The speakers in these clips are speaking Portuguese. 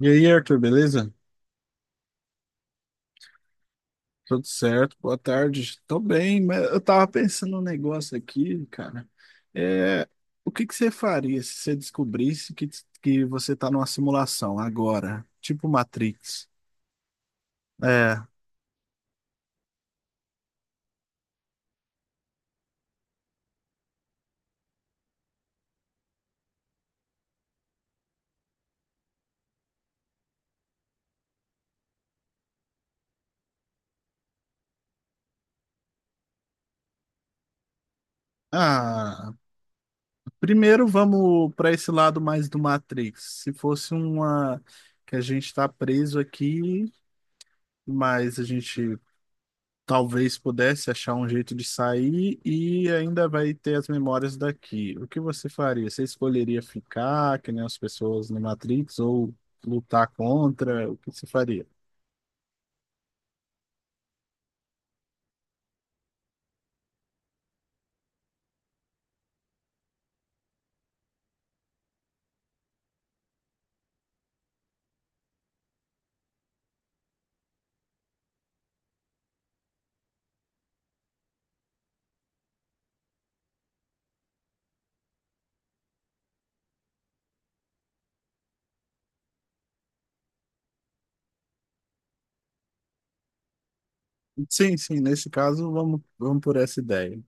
E aí, Arthur, beleza? Tudo certo? Boa tarde. Tô bem, mas eu tava pensando um negócio aqui, cara. É, o que que você faria se você descobrisse que você tá numa simulação agora, tipo Matrix? É. Ah, primeiro vamos para esse lado mais do Matrix. Se fosse uma que a gente tá preso aqui, mas a gente talvez pudesse achar um jeito de sair e ainda vai ter as memórias daqui. O que você faria? Você escolheria ficar, que nem as pessoas no Matrix, ou lutar contra? O que você faria? Sim, sim, nesse caso, vamos por essa ideia.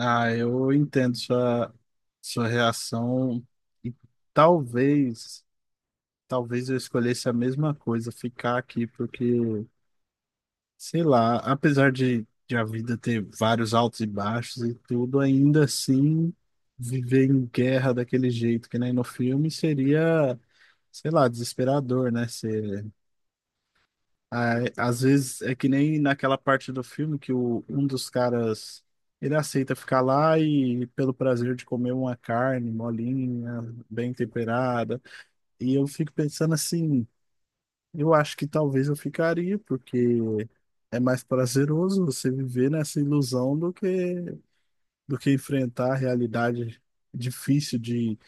Ah, eu entendo sua reação e talvez, talvez eu escolhesse a mesma coisa, ficar aqui, porque sei lá, apesar de a vida ter vários altos e baixos e tudo, ainda assim viver em guerra daquele jeito que nem no filme seria, sei lá, desesperador, né? Ser, ah, às vezes é que nem naquela parte do filme que um dos caras ele aceita ficar lá e pelo prazer de comer uma carne molinha, bem temperada. E eu fico pensando assim. Eu acho que talvez eu ficaria, porque é mais prazeroso você viver nessa ilusão do que enfrentar a realidade difícil de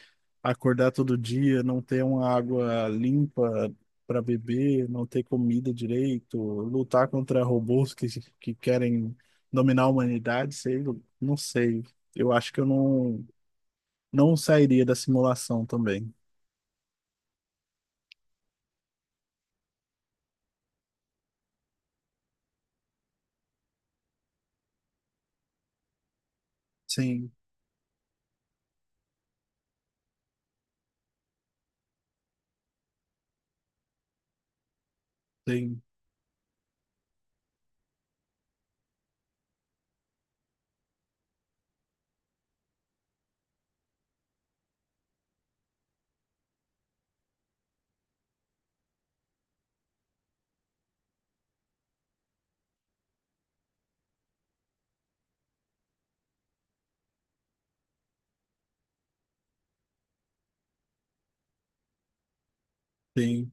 acordar todo dia, não ter uma água limpa para beber, não ter comida direito, lutar contra robôs que querem dominar a humanidade, sei, não sei. Eu acho que eu não sairia da simulação também. Sim, tem, tem.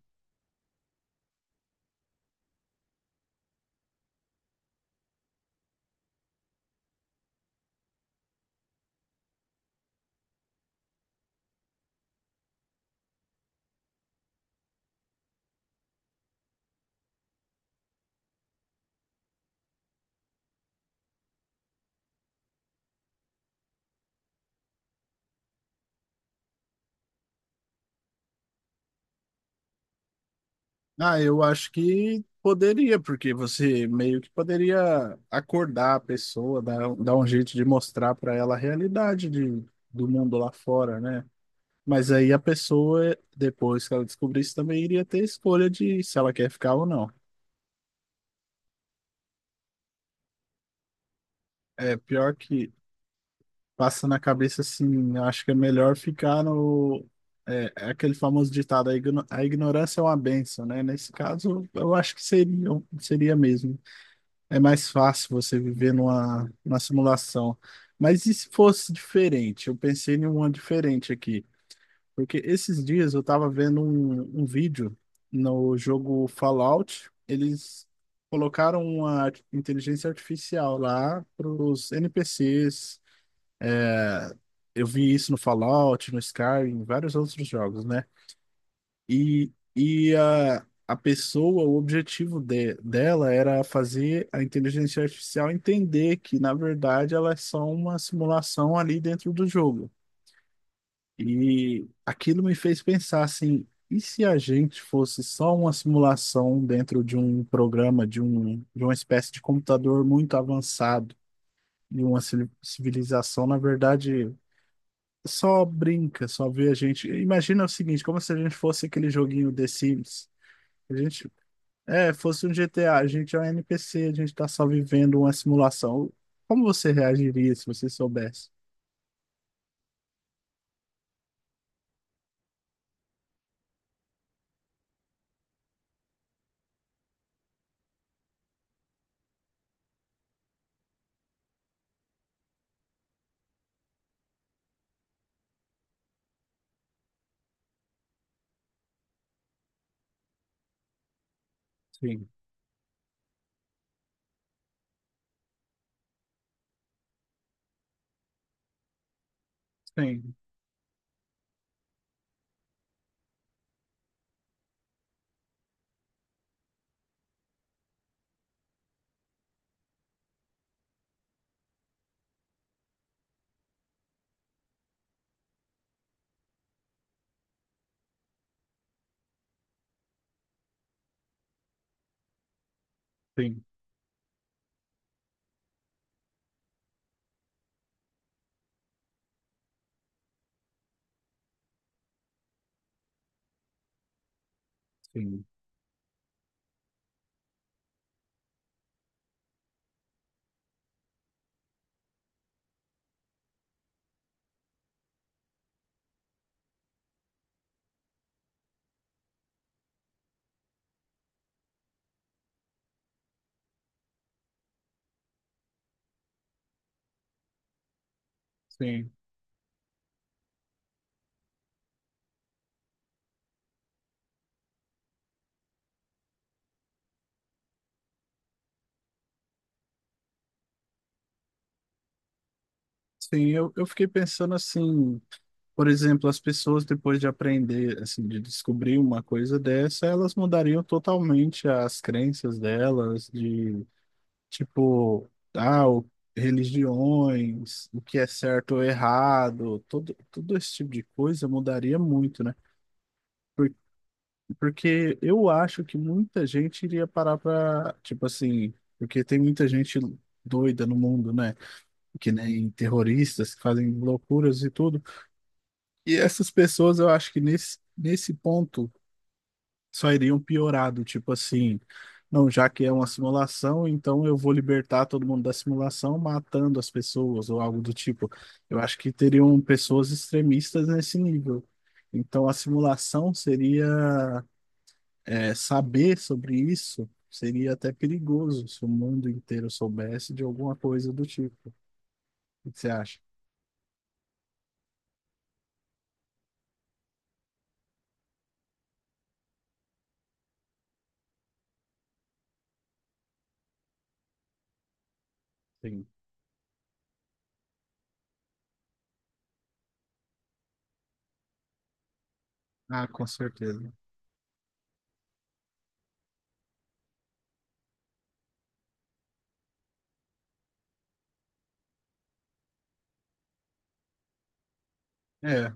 Ah, eu acho que poderia, porque você meio que poderia acordar a pessoa, dar um jeito de mostrar para ela a realidade do mundo lá fora, né? Mas aí a pessoa, depois que ela descobrisse, também iria ter escolha de se ela quer ficar ou não. É pior que passa na cabeça assim, eu acho que é melhor ficar no. É, é aquele famoso ditado, a a ignorância é uma benção, né? Nesse caso, eu acho que seria mesmo. É mais fácil você viver numa simulação. Mas e se fosse diferente? Eu pensei em uma diferente aqui. Porque esses dias eu estava vendo um vídeo no jogo Fallout. Eles colocaram uma inteligência artificial lá para os NPCs. Eu vi isso no Fallout, no Skyrim, em vários outros jogos, né? A pessoa, o dela era fazer a inteligência artificial entender que, na verdade, ela é só uma simulação ali dentro do jogo. E aquilo me fez pensar assim, e se a gente fosse só uma simulação dentro de um programa, de uma espécie de computador muito avançado, de uma civilização, na verdade, só brinca, só vê a gente. Imagina o seguinte, como se a gente fosse aquele joguinho The Sims. A gente é, fosse um GTA, a gente é um NPC, a gente tá só vivendo uma simulação. Como você reagiria se você soubesse? Sim, sim, sim, sim, sim. Sim, eu fiquei pensando assim, por exemplo, as pessoas depois de aprender, assim, de descobrir uma coisa dessa, elas mudariam totalmente as crenças delas, de tipo, ah, o- religiões, o que é certo ou errado, todo esse tipo de coisa mudaria muito, né? Porque eu acho que muita gente iria parar pra, tipo assim, porque tem muita gente doida no mundo, né? Que nem terroristas que fazem loucuras e tudo. E essas pessoas, eu acho que nesse ponto só iriam piorado, tipo assim, não, já que é uma simulação, então eu vou libertar todo mundo da simulação matando as pessoas ou algo do tipo. Eu acho que teriam pessoas extremistas nesse nível. Então a simulação seria é, saber sobre isso seria até perigoso se o mundo inteiro soubesse de alguma coisa do tipo. O que você acha? Sim. Ah, com certeza. É,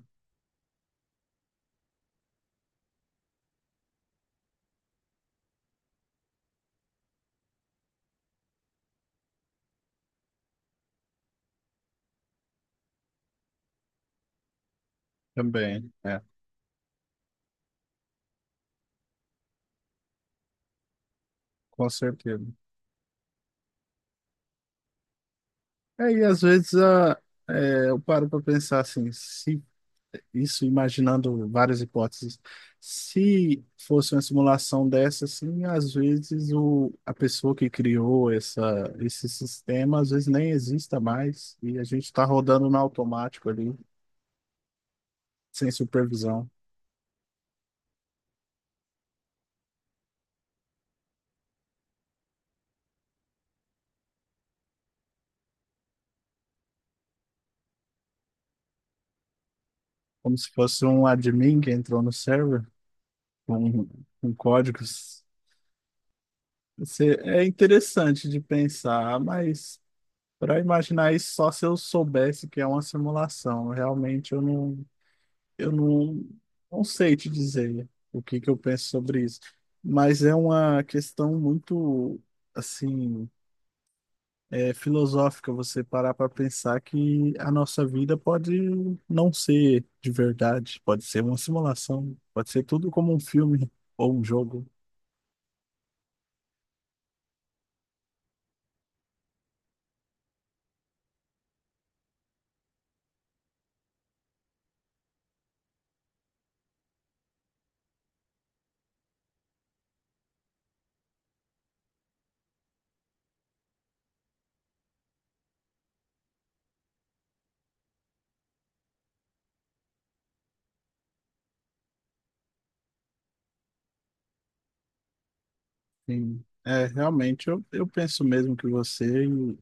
também, é, com certeza. É, e às vezes é, eu paro para pensar assim, se isso imaginando várias hipóteses, se fosse uma simulação dessa, assim, às vezes a pessoa que criou esse sistema, às vezes nem exista mais e a gente está rodando no automático ali. Sem supervisão. Como se fosse um admin que entrou no server com, com códigos. Você- é é interessante de pensar, mas para imaginar isso só se eu soubesse que é uma simulação. Realmente eu eu não, não sei te dizer o que que eu penso sobre isso. Mas é uma questão muito, assim, é, filosófica você parar para pensar que a nossa vida pode não ser de verdade, pode ser uma simulação, pode ser tudo como um filme ou um jogo. Sim. É, realmente, eu penso mesmo que você,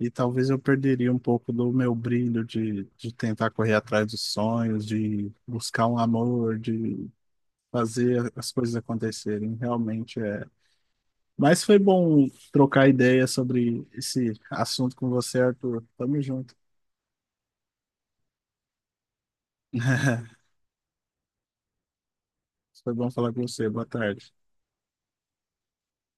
e talvez eu perderia um pouco do meu brilho de tentar correr atrás dos sonhos, de buscar um amor, de fazer as coisas acontecerem. Realmente é. Mas foi bom trocar ideia sobre esse assunto com você, Arthur. Tamo junto. Foi bom falar com você. Boa tarde.